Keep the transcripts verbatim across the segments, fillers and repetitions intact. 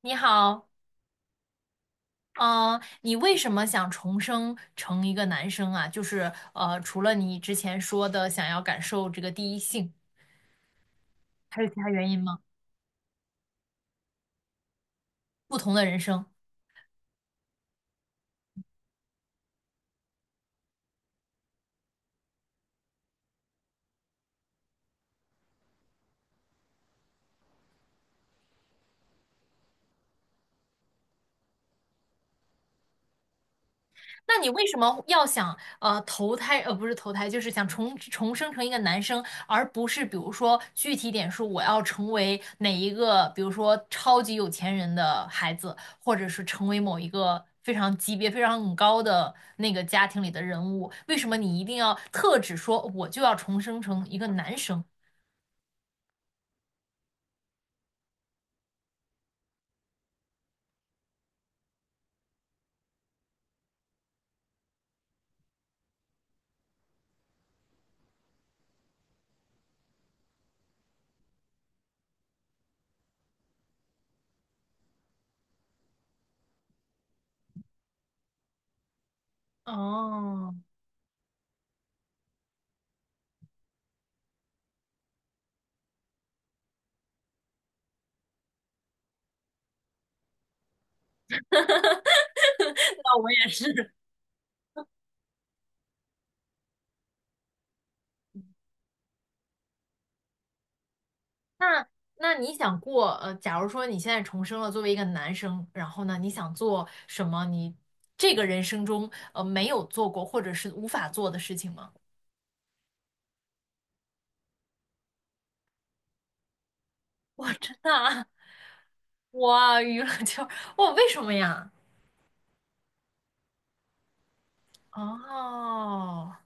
你好。嗯、你为什么想重生成一个男生啊？就是呃，除了你之前说的想要感受这个第一性，还有其他原因吗？不同的人生。那你为什么要想呃投胎呃不是投胎，就是想重重生成一个男生，而不是比如说具体点说我要成为哪一个，比如说超级有钱人的孩子，或者是成为某一个非常级别非常很高的那个家庭里的人物？为什么你一定要特指说我就要重生成一个男生？哦。啊，我也是。那那你想过，呃，假如说你现在重生了，作为一个男生，然后呢，你想做什么？你这个人生中，呃，没有做过或者是无法做的事情吗？我真的啊！哇，娱乐圈儿。哇，为什么呀？哦，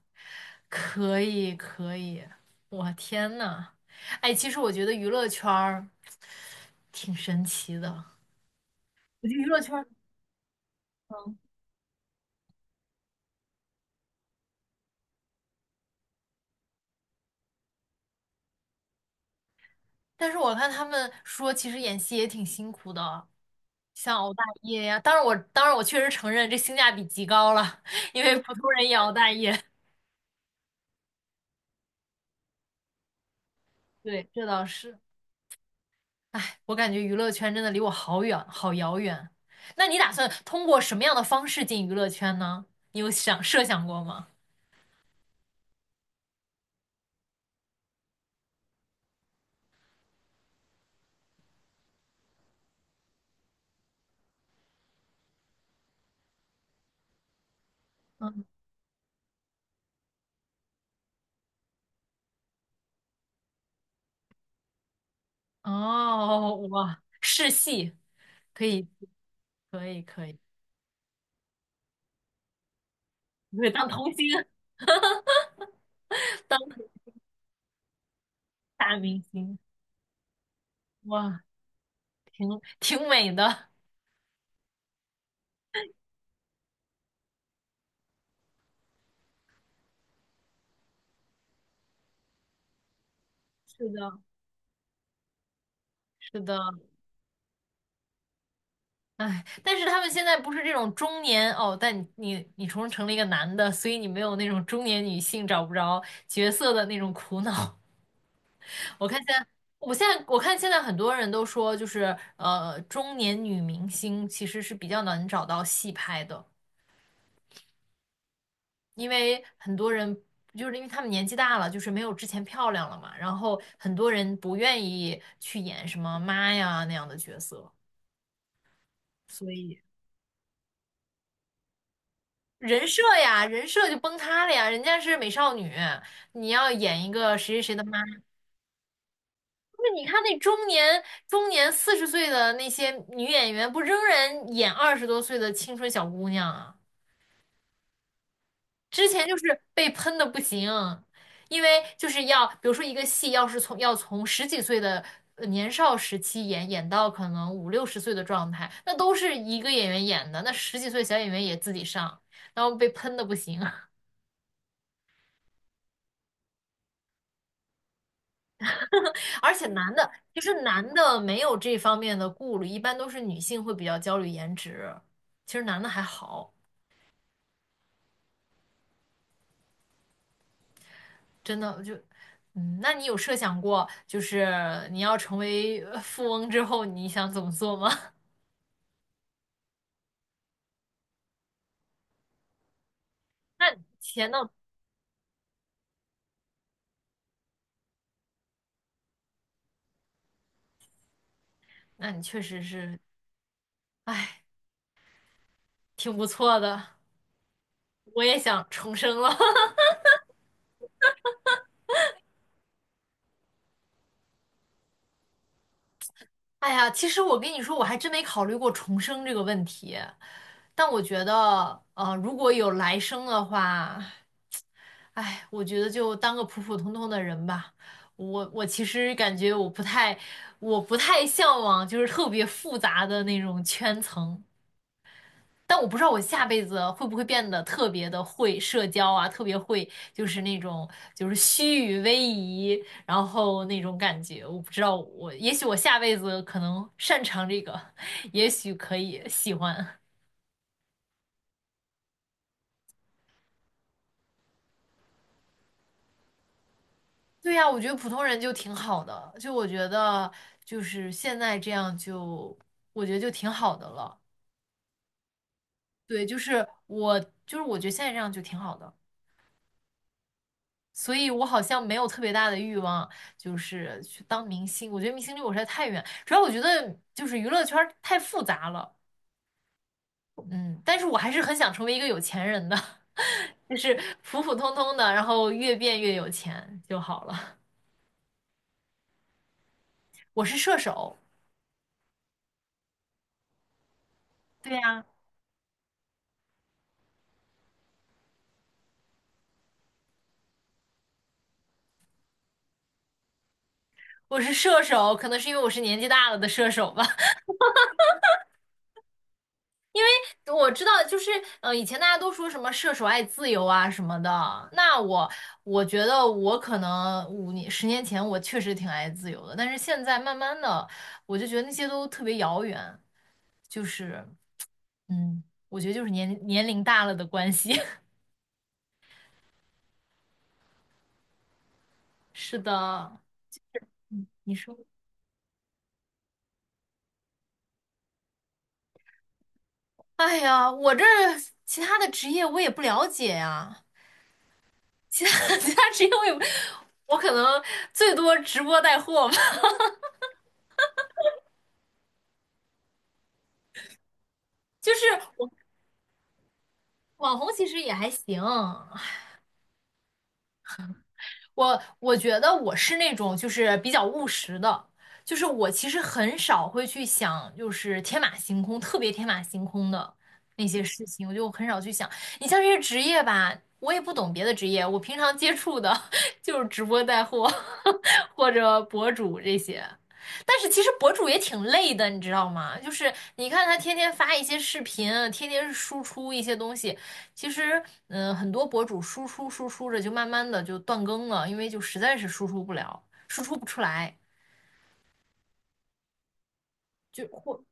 可以可以。我天呐。哎，其实我觉得娱乐圈儿挺神奇的。我觉得娱乐圈儿，嗯但是我看他们说，其实演戏也挺辛苦的。像熬大夜呀、当然我当然我确实承认这性价比极高了，因为普通人也熬大夜。对，这倒是。我感觉娱乐圈真的离我好远，好遥远。那你打算通过什么样的方式进娱乐圈呢？你有想设想过吗？嗯。哦，哇，试戏可以，可以，可以。你会当童星，当大明星。哇，挺美的。是的，是的。哎，但是他们现在不是这种中年哦，但你你你重成了一个男的，所以你没有那种中年女性找不着角色的那种苦恼。我看现在，我现在我看现在很多人都说，就是呃，中年女明星其实是比较难找到戏拍的，因为很多人就是因为他们年纪大了，就是没有之前漂亮了嘛，然后很多人不愿意去演什么妈呀那样的角色。所以。人设呀，人设就崩塌了呀！人家是美少女，你要演一个谁谁谁的妈，不是你看那中年中年四十岁的那些女演员，不仍然演二十多岁的青春小姑娘啊？之前就是被喷的不行，因为就是要，比如说一个戏要是从要从十几岁的呃年少时期演演到可能五六十岁的状态，那都是一个演员演的，那十几岁小演员也自己上，然后被喷的不行。而且男的，其实男的没有这方面的顾虑，一般都是女性会比较焦虑颜值。其实男的还好，真的我就，嗯，那你有设想过，就是你要成为呃富翁之后，你想怎么做吗？那钱呢？那你确实是，哎，挺不错的。我也想重生了。哎呀，其实我跟你说，我还真没考虑过重生这个问题，但我觉得，呃，如果有来生的话。哎，我觉得就当个普普通通的人吧。我我其实感觉我不太，我不太向往就是特别复杂的那种圈层。但我不知道我下辈子会不会变得特别的会社交啊，特别会就是那种就是虚与委蛇，然后那种感觉。我不知道我，也许我下辈子可能擅长这个，也许可以喜欢。对呀，我觉得普通人就挺好的，就我觉得就是现在这样就，我觉得就挺好的了。对，就是我，就是我觉得现在这样就挺好的，所以我好像没有特别大的欲望，就是去当明星。我觉得明星离我实在太远，主要我觉得就是娱乐圈儿太复杂了，嗯，但是我还是很想成为一个有钱人的，就是普普通通的，然后越变越有钱就好了。我是射手，对呀。我是射手，可能是因为我是年纪大了的射手吧。我知道，就是呃，以前大家都说什么射手爱自由啊什么的，那我我觉得我可能五年、十年前我确实挺爱自由的，但是现在慢慢的，我就觉得那些都特别遥远，就是嗯，我觉得就是年年龄大了的关系。是的。嗯，你说。哎呀，我这其他的职业我也不了解呀。其他 其他是因为我可能最多直播带货吧。就是网红其实也还行。我我觉得我是那种就是比较务实的，就是我其实很少会去想就是天马行空，特别天马行空的那些事情，我就很少去想。你像这些职业吧，我也不懂别的职业，我平常接触的 就是直播带货 或者博主这些。但是其实博主也挺累的，你知道吗？就是你看他天天发一些视频，天天输出一些东西，其实，嗯、很多博主输出输出着就慢慢的就断更了，因为就实在是输出不了，输出不出来，就或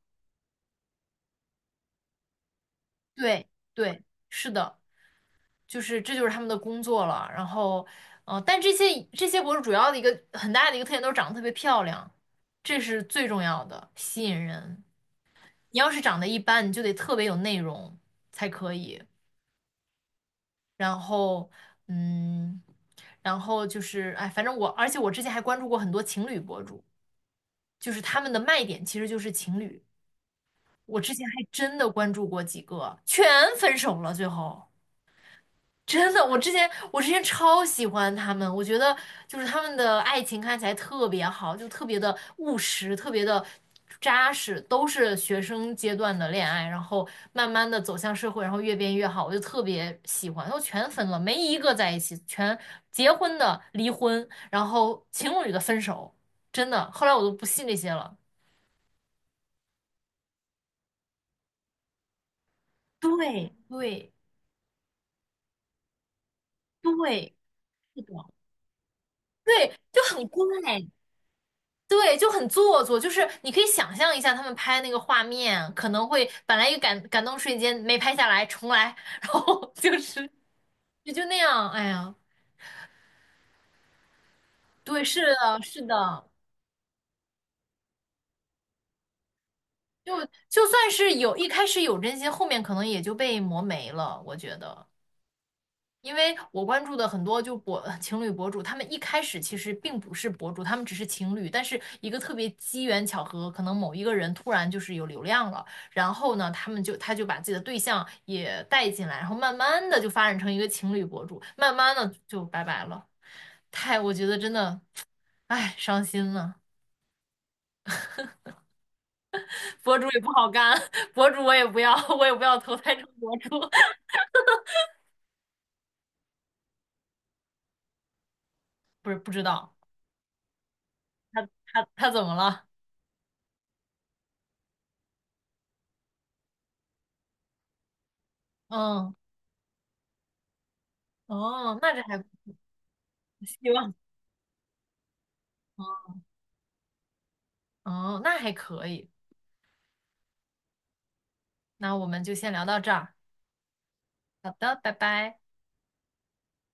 对对，是的，就是这就是他们的工作了。然后，呃，但这些这些博主主要的一个很大的一个特点都是长得特别漂亮，这是最重要的，吸引人。你要是长得一般，你就得特别有内容才可以。然后，嗯，然后就是，哎，反正我，而且我之前还关注过很多情侣博主。就是他们的卖点其实就是情侣。我之前还真的关注过几个，全分手了，最后真的，我之前我之前超喜欢他们，我觉得就是他们的爱情看起来特别好，就特别的务实，特别的扎实，都是学生阶段的恋爱，然后慢慢的走向社会，然后越变越好，我就特别喜欢，都全分了，没一个在一起，全结婚的离婚，然后情侣的分手，真的，后来我都不信这些了。对对对，是的，对，就很怪，对，就很做作。就是你可以想象一下，他们拍那个画面，可能会本来一个感感动瞬间没拍下来，重来，然后 就是也就那样。哎呀，对，是的，是的，就就算是有一开始有真心，后面可能也就被磨没了，我觉得。因为我关注的很多就博 情侣博主，他们一开始其实并不是博主，他们只是情侣，但是一个特别机缘巧合，可能某一个人突然就是有流量了，然后呢，他们就他就把自己的对象也带进来，然后慢慢的就发展成一个情侣博主，慢慢的就拜拜了，太，我觉得真的，唉，伤心了，博主也不好干。博主我也不要，我也不要投胎成博主。不是不知道他他他怎么了？嗯。哦，那这还希望。哦，那还可以。那我们就先聊到这儿。好的，拜拜。